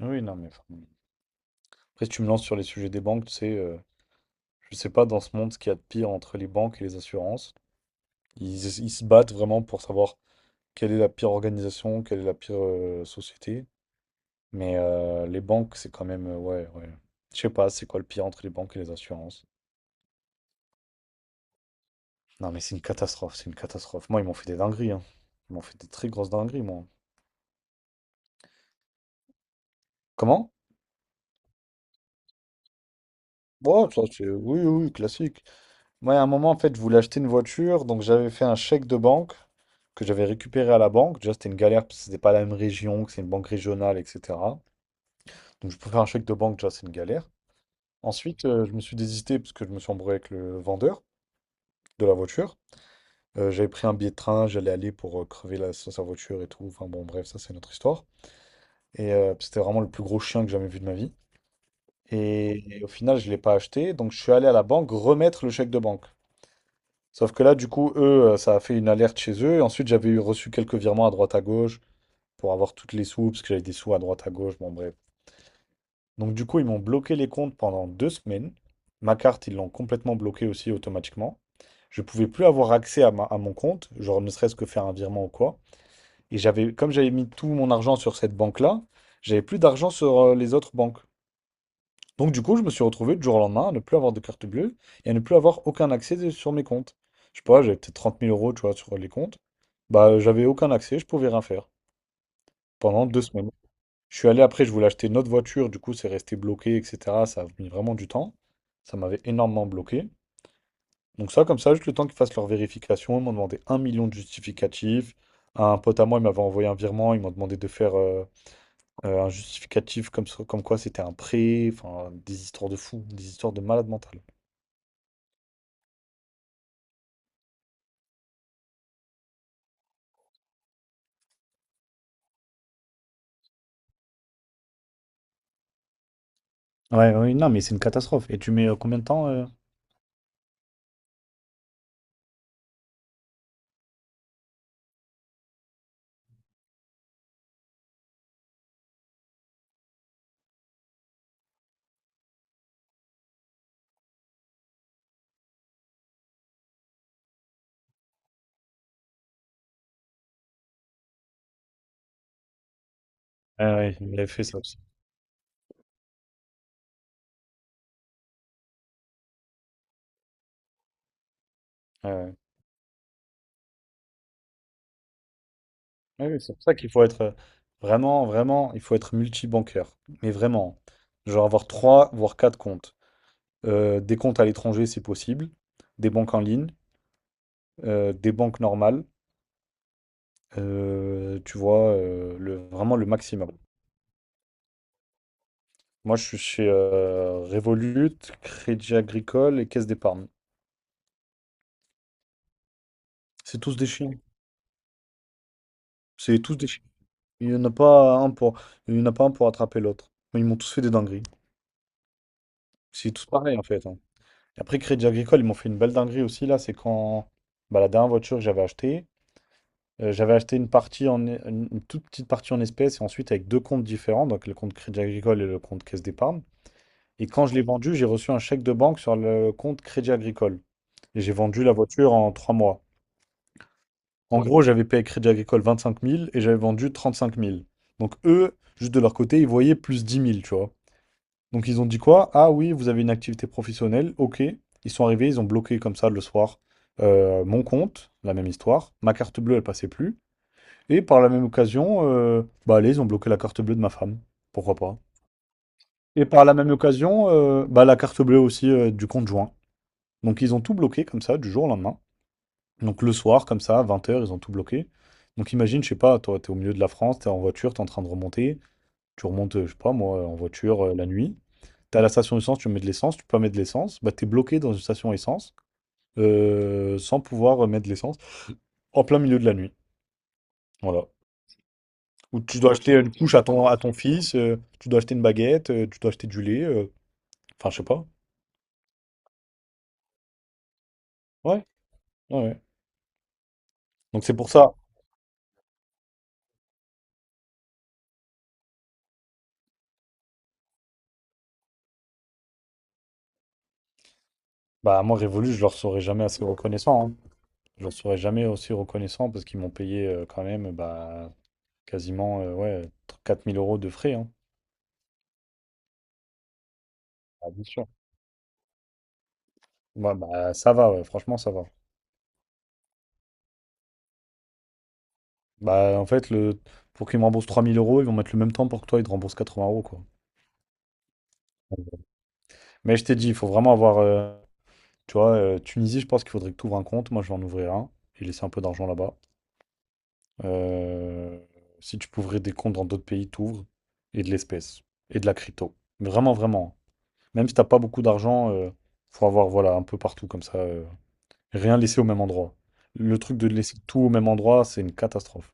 Oui, non, mais. Après, si tu me lances sur les sujets des banques, tu sais, je sais pas dans ce monde ce qu'il y a de pire entre les banques et les assurances. Ils se battent vraiment pour savoir quelle est la pire organisation, quelle est la pire société. Mais les banques, c'est quand même. Ouais, ouais. Je sais pas, c'est quoi le pire entre les banques et les assurances. Non, mais c'est une catastrophe, c'est une catastrophe. Moi, ils m'ont fait des dingueries, hein. Ils m'ont fait des très grosses dingueries, moi. Comment? Ouais, ça, c'est. Oui, oui, oui, classique. Moi, à un moment, en fait, je voulais acheter une voiture, donc j'avais fait un chèque de banque que j'avais récupéré à la banque. Déjà, c'était une galère parce que c'était pas la même région, que c'est une banque régionale, etc. Donc, je peux faire un chèque de banque, déjà, c'est une galère. Ensuite, je me suis désisté parce que je me suis embrouillé avec le vendeur de la voiture. J'avais pris un billet de train, j'allais aller pour crever la, sur sa voiture et tout. Enfin, bon, bref, ça, c'est notre histoire. Et c'était vraiment le plus gros chien que j'ai jamais vu de ma vie. Et au final, je l'ai pas acheté, donc je suis allé à la banque remettre le chèque de banque. Sauf que là, du coup, eux, ça a fait une alerte chez eux. Et ensuite, j'avais eu reçu quelques virements à droite à gauche pour avoir toutes les sous, parce que j'avais des sous à droite à gauche. Bon, bref. Donc, du coup, ils m'ont bloqué les comptes pendant 2 semaines. Ma carte, ils l'ont complètement bloquée aussi automatiquement. Je pouvais plus avoir accès à mon compte, genre ne serait-ce que faire un virement ou quoi. Et j'avais, comme j'avais mis tout mon argent sur cette banque-là, j'avais plus d'argent sur les autres banques. Donc du coup, je me suis retrouvé du jour au lendemain à ne plus avoir de carte bleue et à ne plus avoir aucun accès sur mes comptes. Je sais pas, j'avais peut-être trente mille euros, tu vois, sur les comptes. Bah, j'avais aucun accès, je pouvais rien faire pendant 2 semaines. Je suis allé après, je voulais acheter une autre voiture, du coup, c'est resté bloqué, etc. Ça a mis vraiment du temps. Ça m'avait énormément bloqué. Donc ça, comme ça, juste le temps qu'ils fassent leur vérification, ils m'ont demandé un million de justificatifs. Un pote à moi, il m'avait envoyé un virement, ils m'ont demandé de faire un justificatif comme quoi c'était un prêt, enfin, des histoires de fous, des histoires de malade mental. Ouais, oui, non, mais c'est une catastrophe. Et tu mets combien de temps? Ah ouais, il avait fait ça aussi. Ouais, ouais. Ouais, ouais, c'est pour ça qu'il faut être vraiment, vraiment, il faut être multi-bancaire. Mais vraiment, genre avoir trois, voire quatre comptes. Des comptes à l'étranger, c'est possible. Des banques en ligne, des banques normales. Tu vois, vraiment le maximum. Moi, je suis chez Revolut, Crédit Agricole et Caisse d'Épargne. C'est tous des chiens. C'est tous des chiens. Il n'y en a pas un pour, il y en a pas un pour attraper l'autre. Ils m'ont tous fait des dingueries. C'est tous pareil en fait, hein. Et après, Crédit Agricole, ils m'ont fait une belle dinguerie aussi. Là, c'est quand bah, la dernière voiture que j'avais achetée, j'avais acheté une partie une toute petite partie en espèces et ensuite avec deux comptes différents, donc le compte Crédit Agricole et le compte Caisse d'Épargne. Et quand je l'ai vendu, j'ai reçu un chèque de banque sur le compte Crédit Agricole. Et j'ai vendu la voiture en 3 mois. En gros, j'avais payé Crédit Agricole 25 000 et j'avais vendu 35 000. Donc eux, juste de leur côté, ils voyaient plus 10 000, tu vois. Donc ils ont dit quoi? Ah oui, vous avez une activité professionnelle, ok. Ils sont arrivés, ils ont bloqué comme ça le soir mon compte, la même histoire. Ma carte bleue, elle passait plus. Et par la même occasion, bah allez, ils ont bloqué la carte bleue de ma femme. Pourquoi pas? Et par la même occasion, bah la carte bleue aussi du compte joint. Donc ils ont tout bloqué comme ça, du jour au lendemain. Donc le soir, comme ça, à 20 heures, ils ont tout bloqué. Donc imagine, je sais pas, toi, t'es au milieu de la France, t'es en voiture, t'es en train de remonter. Tu remontes, je sais pas moi, en voiture la nuit. T'as la station essence, tu mets de l'essence, tu peux pas mettre de l'essence, bah t'es bloqué dans une station essence sans pouvoir mettre de l'essence en plein milieu de la nuit. Voilà. Ou tu dois acheter une couche à ton fils, tu dois acheter une baguette, tu dois acheter du lait, enfin je sais pas. Ouais, ouais, ouais. Donc c'est pour ça. Bah moi Révolu, je leur serai jamais assez reconnaissant, hein. Je leur serai jamais aussi reconnaissant parce qu'ils m'ont payé quand même bah quasiment ouais 4 000 € de frais, hein. Ah, bien sûr. Ouais, bah ça va, ouais, franchement ça va. Bah, en fait, le... pour qu'ils me remboursent 3000 euros, ils vont mettre le même temps pour que toi, ils te remboursent 80 euros, quoi. Mais je t'ai dit, il faut vraiment avoir. Tu vois, Tunisie, je pense qu'il faudrait que tu ouvres un compte. Moi, je vais en ouvrir un et laisser un peu d'argent là-bas. Euh, Si tu peux ouvrir des comptes dans d'autres pays, t'ouvres et de l'espèce et de la crypto. Mais vraiment, vraiment. Même si t'as pas beaucoup d'argent, faut avoir voilà un peu partout comme ça, rien laisser au même endroit. Le truc de laisser tout au même endroit, c'est une catastrophe.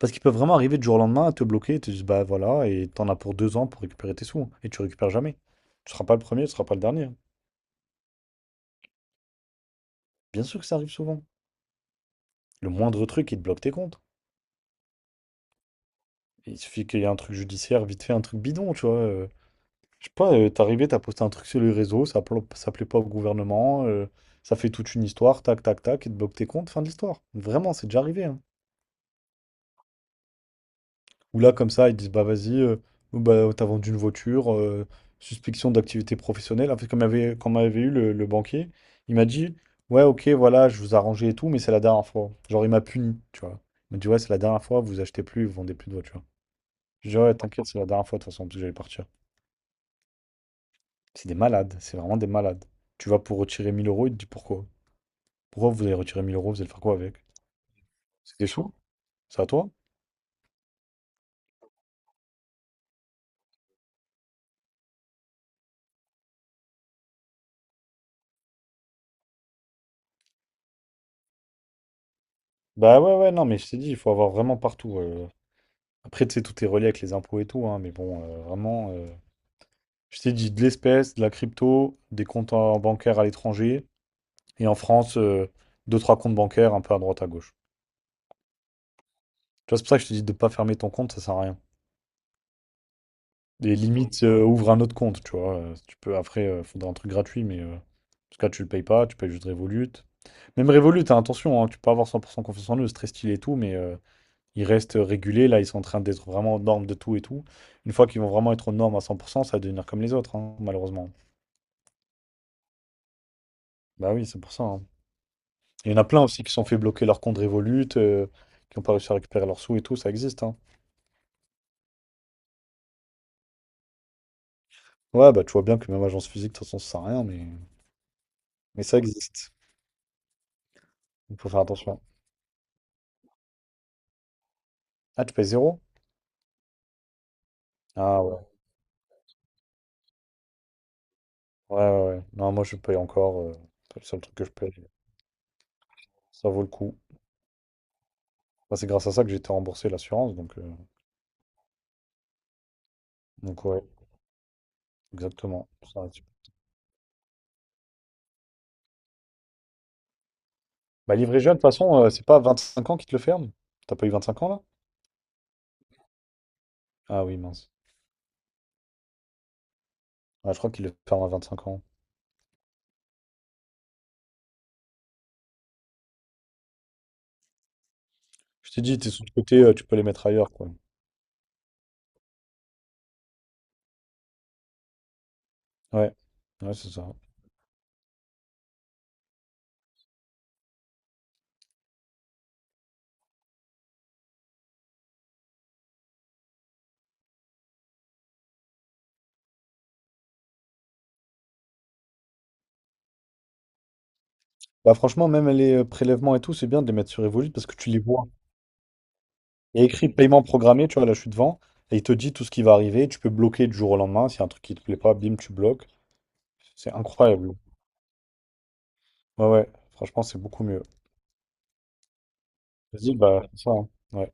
Parce qu'ils peuvent vraiment arriver du jour au lendemain à te bloquer et te disent, bah voilà, et t'en as pour 2 ans pour récupérer tes sous. Et tu récupères jamais. Tu seras pas le premier, tu seras pas le dernier. Bien sûr que ça arrive souvent. Le moindre truc, il te bloque tes comptes. Il suffit qu'il y ait un truc judiciaire, vite fait, un truc bidon, tu vois. Je sais pas, t'es arrivé, t'as posté un truc sur les réseaux, ça, ça plaît pas au gouvernement, ça fait toute une histoire, tac, tac, tac, et te bloque tes comptes, fin de l'histoire. Vraiment, c'est déjà arrivé, hein. Où là, comme ça, ils disent, bah vas-y, oh, bah, t'as vendu une voiture, suspicion d'activité professionnelle. En fait, comme il y avait, quand m'avait eu le banquier, il m'a dit, ouais, ok, voilà, je vous ai arrangé et tout, mais c'est la dernière fois. Genre, il m'a puni, tu vois. Il m'a dit, ouais, c'est la dernière fois, vous achetez plus, vous vendez plus de voiture. Je dis, ouais, t'inquiète, c'est la dernière fois, de toute façon, parce que j'allais partir. C'est des malades, c'est vraiment des malades. Tu vas pour retirer 1000 euros, il te dit pourquoi? Pourquoi vous allez retirer 1000 euros, vous allez faire quoi avec? C'était chaud. C'est à toi? Bah ouais, ouais, non, mais je t'ai dit, il faut avoir vraiment partout. Après, tu sais, tout est relié avec les impôts et tout, hein, mais bon, vraiment, je t'ai dit de l'espèce, de la crypto, des comptes bancaires à l'étranger, et en France, deux, trois comptes bancaires un peu à droite, à gauche. Tu vois, c'est pour ça que je te dis de pas fermer ton compte, ça sert à rien. Et limite, ouvre un autre compte, tu vois. Si tu peux, après, il faudra un truc gratuit, mais en tout cas, tu le payes pas, tu payes juste Revolut. Même Revolut, hein, attention, hein, tu peux avoir 100% confiance en eux, c'est très stylé et tout, mais ils restent régulés, là, ils sont en train d'être vraiment aux normes de tout et tout. Une fois qu'ils vont vraiment être aux normes à 100%, ça va devenir comme les autres, hein, malheureusement. Bah oui, c'est pour ça, hein. Il y en a plein aussi qui se sont fait bloquer leur compte Revolut, qui n'ont pas réussi à récupérer leurs sous et tout, ça existe, hein. Ouais, bah tu vois bien que même agence physique, de toute façon, ça sert à rien, mais ça existe. Il faut faire attention. Ah, tu payes zéro? Ah ouais. Ouais, ouais, ouais. Non, moi je paye encore. C'est le seul truc que je paye. Ça vaut le coup. Bah, c'est grâce à ça que j'ai été remboursé l'assurance, donc ouais, exactement. Ça va être super. Bah livré jeune, de toute façon, c'est pas 25 ans qui te le ferme. T'as pas eu 25 ans là? Ah oui, mince. Ah, je crois qu'ils le ferment à cinq ans. Je t'ai dit, t'es sous côté, tu peux les mettre ailleurs, quoi. Ouais, ouais, c'est ça. Bah franchement, même les prélèvements et tout, c'est bien de les mettre sur Revolut parce que tu les vois. Il y a écrit paiement programmé, tu vois, là je suis devant, et il te dit tout ce qui va arriver, tu peux bloquer du jour au lendemain, s'il y a un truc qui te plaît pas, bim, tu bloques. C'est incroyable. Ouais, ouais, franchement, c'est beaucoup mieux. Vas-y, bah, c'est ça, hein. Ouais.